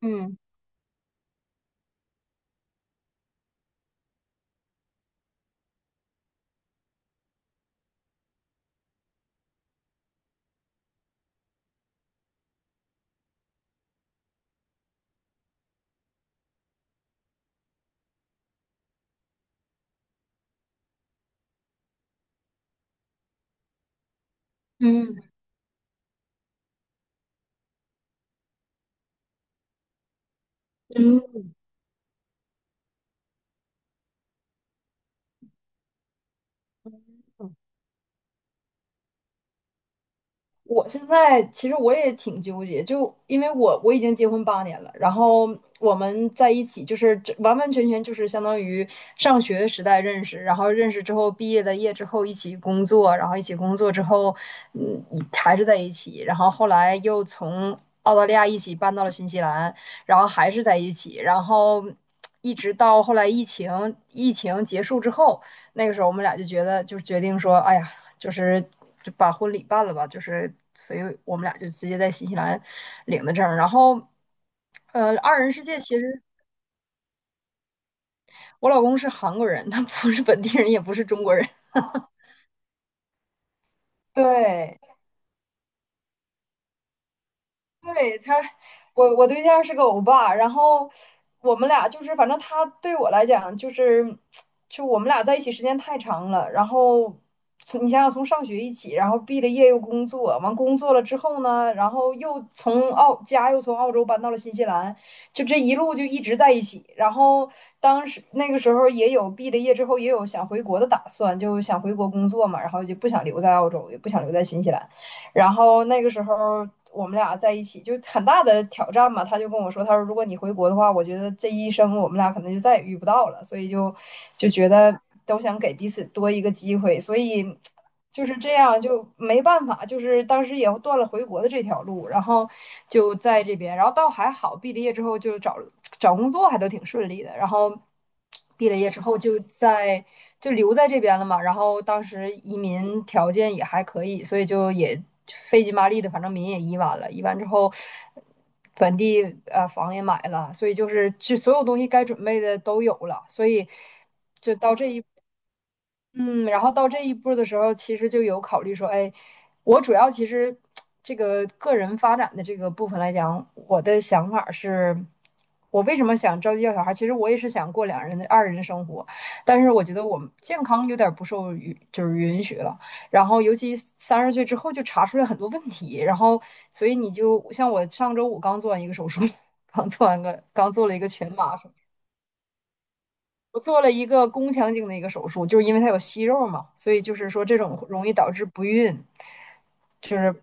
嗯。嗯嗯。我现在其实我也挺纠结，就因为我已经结婚8年了，然后我们在一起就是这完完全全就是相当于上学时代认识，然后认识之后毕业之后一起工作，然后一起工作之后，嗯，还是在一起，然后后来又从澳大利亚一起搬到了新西兰，然后还是在一起，然后一直到后来疫情结束之后，那个时候我们俩就觉得就是决定说，哎呀，就是就把婚礼办了吧，就是所以我们俩就直接在新西兰领的证儿，然后二人世界其实。我老公是韩国人，他不是本地人，也不是中国人。对。对他，我对象是个欧巴，然后我们俩就是，反正他对我来讲就是，就我们俩在一起时间太长了，然后你想想从上学一起，然后毕了业又工作，完工作了之后呢，然后又从澳洲搬到了新西兰，就这一路就一直在一起，然后当时那个时候也有毕了业之后也有想回国的打算，就想回国工作嘛，然后就不想留在澳洲，也不想留在新西兰。然后那个时候我们俩在一起就很大的挑战嘛，他就跟我说，他说如果你回国的话，我觉得这一生我们俩可能就再也遇不到了，所以就觉得都想给彼此多一个机会，所以就是这样，就没办法，就是当时也断了回国的这条路，然后就在这边，然后倒还好，毕了业之后就找工作还都挺顺利的，然后毕了业之后就在留在这边了嘛，然后当时移民条件也还可以，所以就也费劲巴力的，反正民也移完了，移完之后本地房也买了，所以就是就所有东西该准备的都有了，所以就到这一嗯，然后到这一步的时候，其实就有考虑说，哎，我主要其实这个个人发展的这个部分来讲，我的想法是，我为什么想着急要小孩儿？其实我也是想过两人的二人生活，但是我觉得我们健康有点儿不受允，就是允许了。然后尤其30岁之后就查出来很多问题，然后所以你就像我上周五刚做完一个手术，刚做完个刚做了一个全麻手我做了一个宫腔镜的一个手术，就是因为它有息肉嘛，所以就是说这种容易导致不孕，就是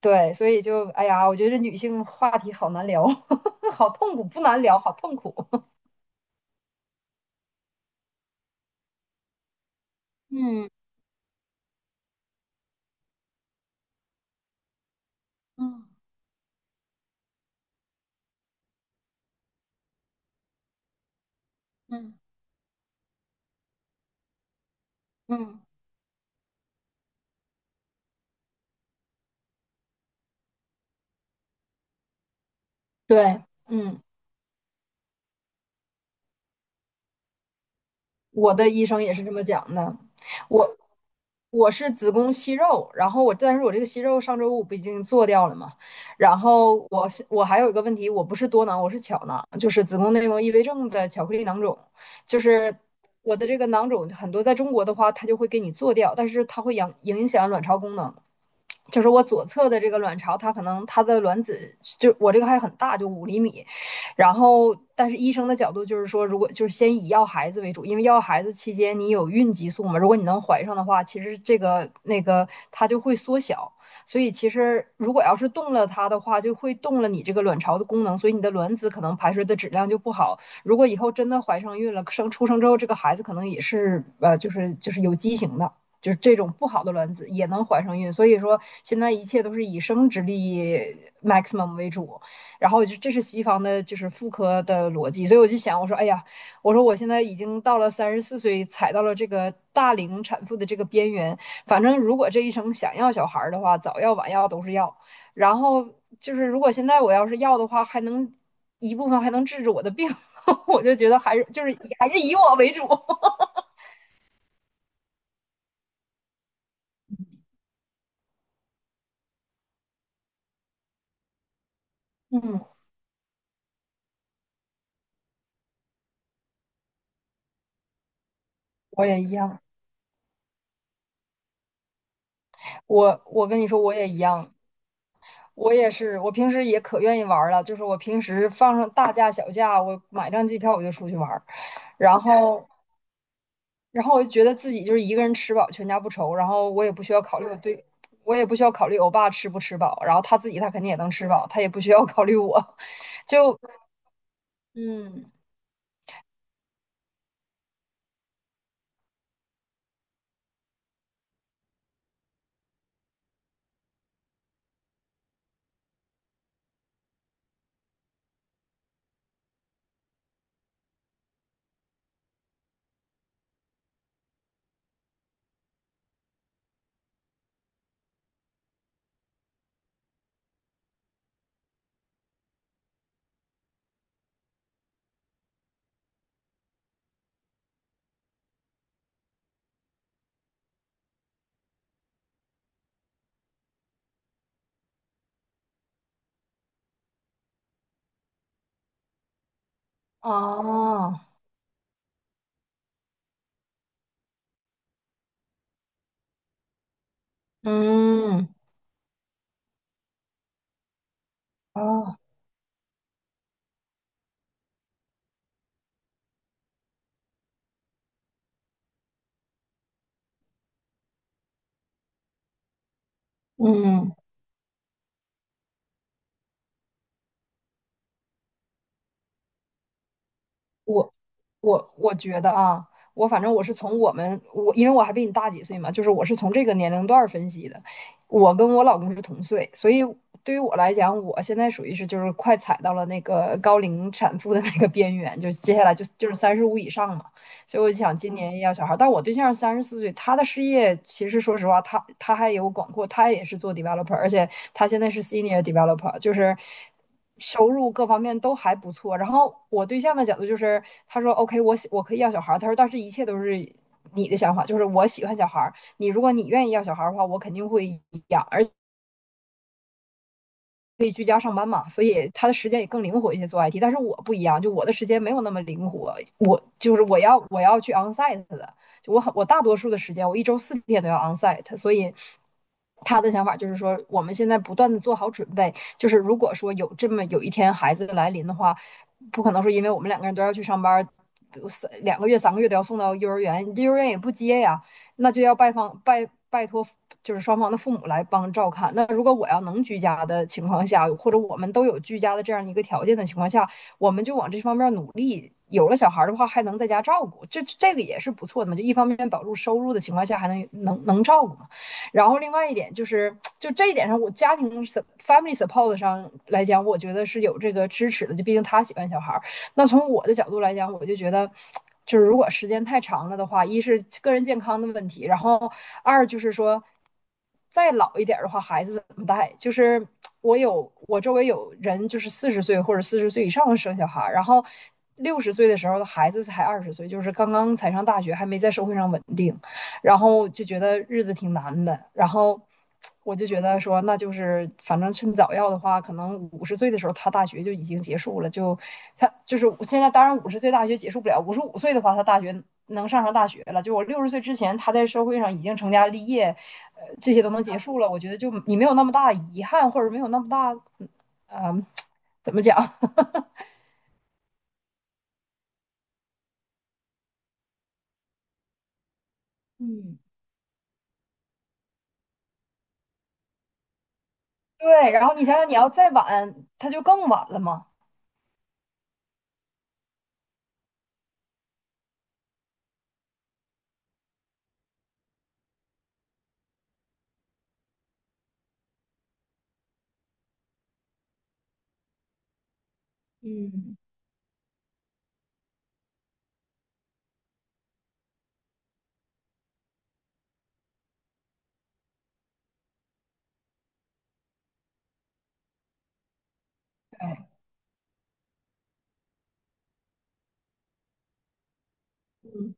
对，所以就哎呀，我觉得这女性话题好难聊，好痛苦，不难聊，好痛苦。嗯，嗯，嗯，嗯，对，嗯，我的医生也是这么讲的。我我是子宫息肉，然后我，但是我这个息肉上周五不已经做掉了嘛？然后我是我还有一个问题，我不是多囊，我是巧囊，就是子宫内膜异位症的巧克力囊肿，就是我的这个囊肿很多，在中国的话，它就会给你做掉，但是它会影响卵巢功能。就是我左侧的这个卵巢，它可能它的卵子就我这个还很大，就5厘米。然后，但是医生的角度就是说，如果就是先以要孩子为主，因为要孩子期间你有孕激素嘛，如果你能怀上的话，其实这个那个它就会缩小。所以其实如果要是动了它的话，就会动了你这个卵巢的功能，所以你的卵子可能排出的质量就不好。如果以后真的怀上孕了，出生之后这个孩子可能也是就是有畸形的。就是这种不好的卵子也能怀上孕，所以说现在一切都是以生殖力 maximum 为主，然后就这是西方的，就是妇科的逻辑，所以我就想，我说，哎呀，我说我现在已经到了三十四岁，踩到了这个大龄产妇的这个边缘，反正如果这一生想要小孩的话，早要晚要都是要，然后就是如果现在我要是要的话，一部分还能治治我的病 我就觉得还是以我为主 嗯，我也一样。我跟你说，我也一样，我也是，我平时也可愿意玩儿了，就是我平时放上大假小假，我买张机票我就出去玩儿，然后，然后我就觉得自己就是一个人吃饱全家不愁，然后我也不需要考虑我对，我也不需要考虑我爸吃不吃饱，然后他自己他肯定也能吃饱，他也不需要考虑我，就嗯，啊，嗯，啊，嗯。我我觉得啊，我反正是从我们我，因为我还比你大几岁嘛，就是我是从这个年龄段儿分析的。我跟我老公是同岁，所以对于我来讲，我现在属于是就是快踩到了那个高龄产妇的那个边缘，就是接下来就是35以上嘛。所以我就想今年要小孩儿，但我对象三十四岁，他的事业其实说实话，他还有广阔，他也是做 developer，而且他现在是 senior developer，就是。收入各方面都还不错。然后我对象的角度就是，他说 OK，我可以要小孩。他说但是一切都是你的想法，就是我喜欢小孩，你如果愿意要小孩的话，我肯定会养，而可以居家上班嘛，所以他的时间也更灵活一些做 IT。但是我不一样，就我的时间没有那么灵活，我就是我要去 onsite 的，就我大多数的时间我一周4天都要 onsite，所以。他的想法就是说，我们现在不断的做好准备，就是如果说有这么有一天孩子来临的话，不可能说因为我们两个人都要去上班，3个月都要送到幼儿园，幼儿园也不接呀，那就要拜访拜拜托，就是双方的父母来帮照看。那如果我要能居家的情况下，或者我们都有居家的这样一个条件的情况下，我们就往这方面努力。有了小孩的话，还能在家照顾，这个也是不错的嘛。就一方面保住收入的情况下，还能照顾嘛。然后另外一点就是，就这一点上，我家庭 family support 上来讲，我觉得是有这个支持的。就毕竟他喜欢小孩，那从我的角度来讲，我就觉得。就是如果时间太长了的话，一是个人健康的问题，然后二就是说，再老一点的话，孩子怎么带？就是我有我周围有人，就是四十岁或者四十岁以上生小孩，然后六十岁的时候孩子才20岁，就是刚刚才上大学，还没在社会上稳定。然后就觉得日子挺难的，然后我就觉得说，那就是反正趁早要的话，可能五十岁的时候他大学就已经结束了，就他就是我现在当然五十岁大学结束不了，55岁的话他能上大学了，就我六十岁之前他在社会上已经成家立业，这些都能结束了，我觉得就你没有那么大遗憾，或者没有那么大，嗯、呃，怎么讲 嗯，对，然后你想想你要再晚，他就更晚了嘛，嗯，对。嗯。